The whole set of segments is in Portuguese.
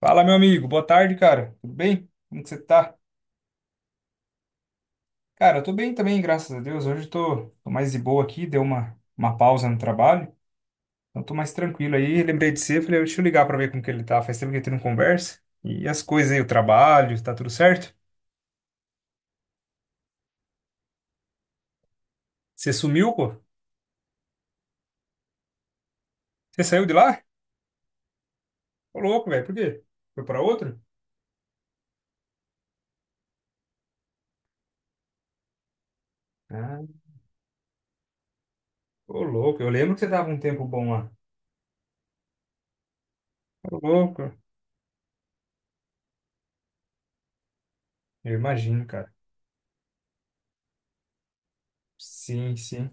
Fala, meu amigo. Boa tarde, cara. Tudo bem? Como que você tá? Cara, eu tô bem também, graças a Deus. Hoje eu tô mais de boa aqui, deu uma pausa no trabalho. Então tô mais tranquilo aí. Lembrei de você, falei, deixa eu ligar pra ver como que ele tá. Faz tempo que a gente não conversa. E as coisas aí, o trabalho, tá tudo certo? Você sumiu, pô? Você saiu de lá? Ô, louco, velho. Por quê? Foi pra outro? Ah, ô, louco. Eu lembro que você tava um tempo bom lá. Ô, louco. Eu imagino, cara. Sim, sim.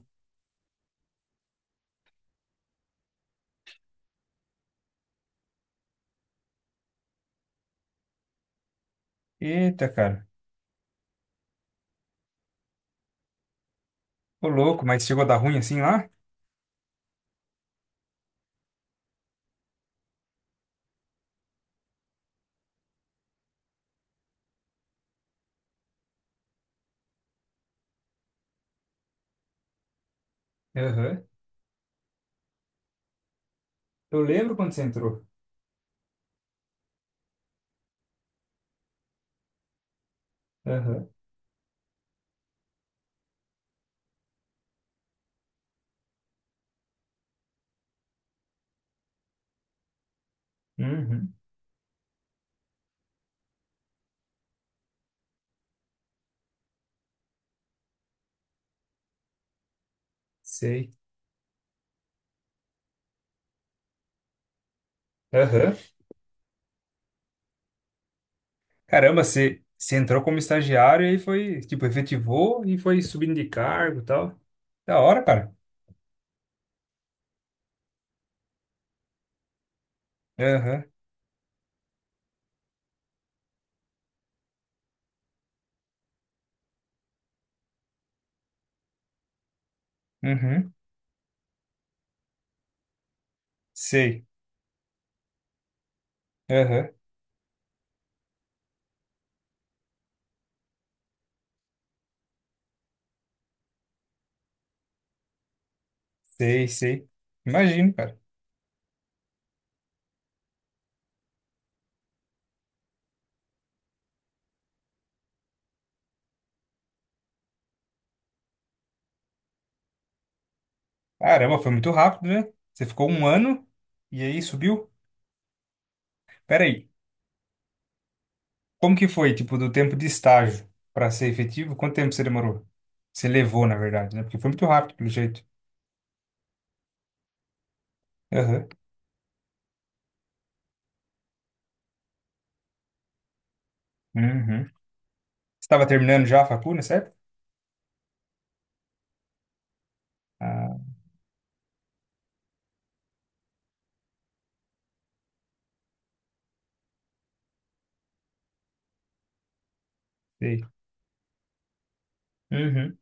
Eita, cara. Ô, louco, mas chegou a dar ruim assim lá? Aham. Eu lembro quando você entrou. Aham. Uhum. Sei. Aham. Caramba, você entrou como estagiário e aí foi, tipo, efetivou e foi subindo de cargo e tal. Da hora, cara. Aham. Uhum. Sei. Aham. Sei, sei. Imagino, cara. Caramba, foi muito rápido, né? Você ficou um ano e aí subiu. Pera aí. Como que foi, tipo, do tempo de estágio para ser efetivo? Quanto tempo você demorou? Você levou, na verdade, né? Porque foi muito rápido, pelo jeito. Aham. Uhum. Você estava terminando já a facul, né? Ah, sei. Uhum.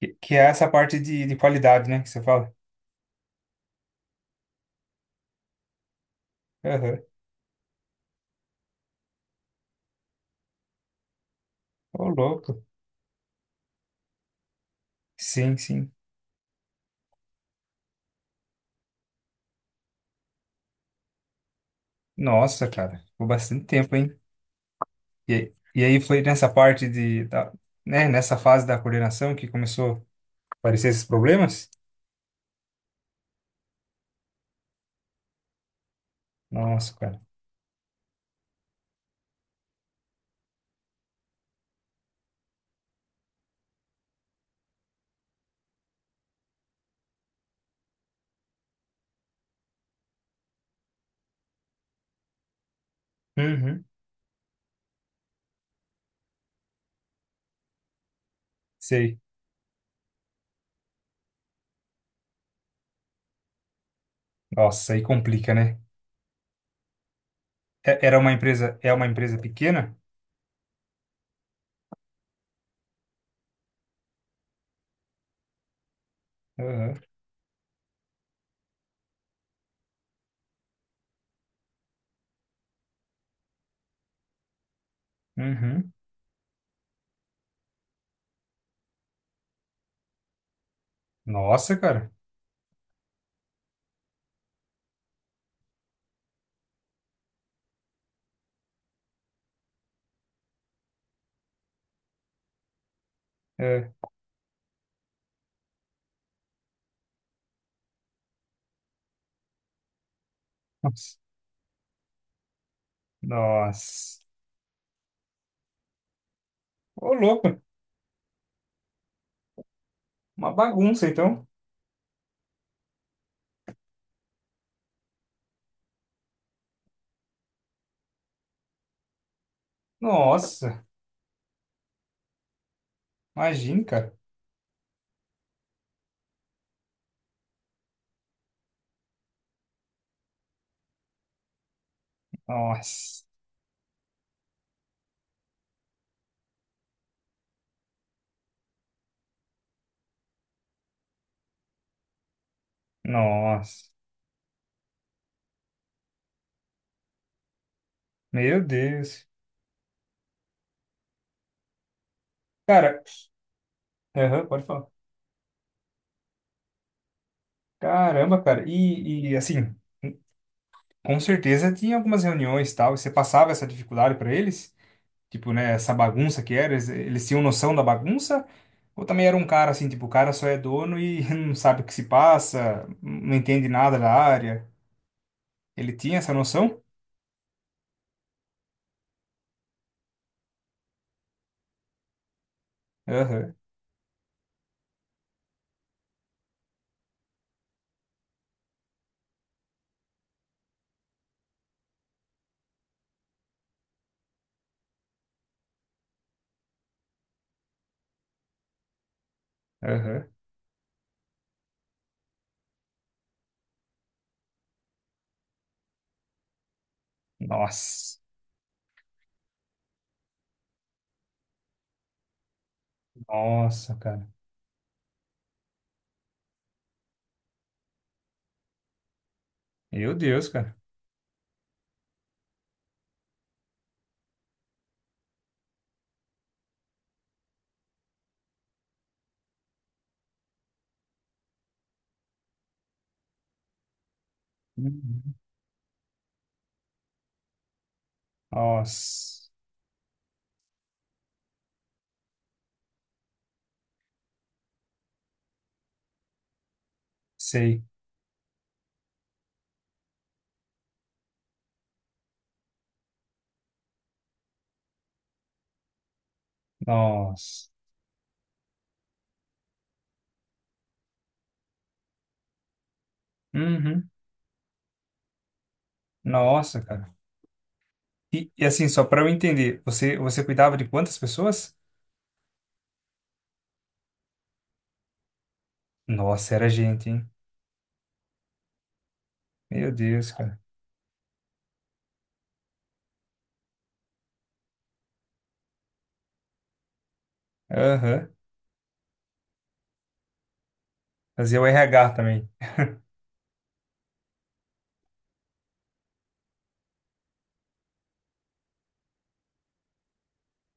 Que é essa parte de qualidade, né? Que você fala. Aham. Ô, louco. Sim, sim. Nossa, cara. Ficou bastante tempo, hein? E aí foi nessa parte de, da, né? Nessa fase da coordenação que começou a aparecer esses problemas? Nossa, cara. Uhum. Sei. Nossa, aí complica, né? É- Era uma empresa, é uma empresa pequena? Aham. Uhum. Nossa, cara. É. Nossa. Nossa. Ô, louco. Uma bagunça, então. Nossa. Imagina, cara. Nossa. Nossa. Meu Deus. Cara, aham, pode falar. Caramba, cara. E, assim, com certeza tinha algumas reuniões e tal. E você passava essa dificuldade pra eles? Tipo, né, essa bagunça que era, eles tinham noção da bagunça? Ou também era um cara assim, tipo, o cara só é dono e não sabe o que se passa, não entende nada da área? Ele tinha essa noção? Aham, aham. Nossa, nossa, cara. Meu Deus, cara. Uhum. Nossa. Sei. Nossa. Uhum. Nossa, cara. E assim, só pra eu entender, você cuidava de quantas pessoas? Nossa, era gente, hein? Meu Deus, cara. Aham. Fazia o RH também.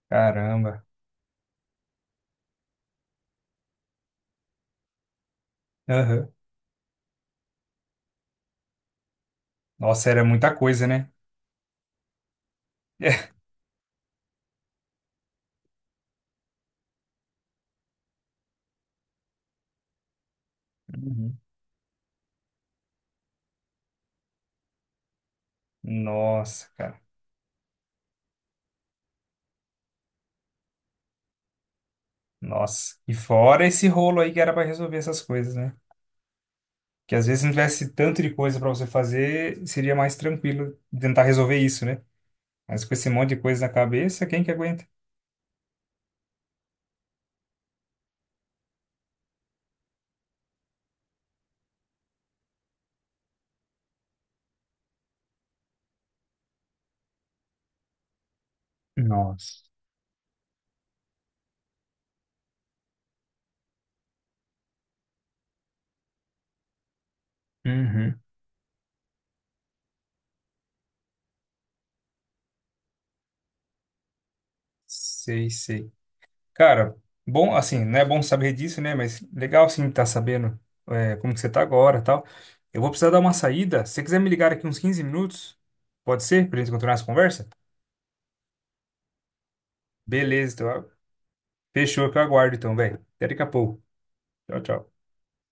Caramba. Aham. Nossa, era muita coisa, né? Uhum. Nossa, cara. Nossa. E fora esse rolo aí que era pra resolver essas coisas, né? Que às vezes se não tivesse tanto de coisa pra você fazer, seria mais tranquilo tentar resolver isso, né? Mas com esse monte de coisa na cabeça, quem que aguenta? Nossa. Uhum. Sei, sei. Cara, bom, assim, não é bom saber disso, né? Mas legal, sim, tá sabendo é, como que você tá agora e tal. Eu vou precisar dar uma saída. Se você quiser me ligar aqui uns 15 minutos, pode ser? Pra gente continuar essa conversa? Beleza, então, fechou, que eu aguardo então, velho. Até daqui a pouco. Tchau, tchau.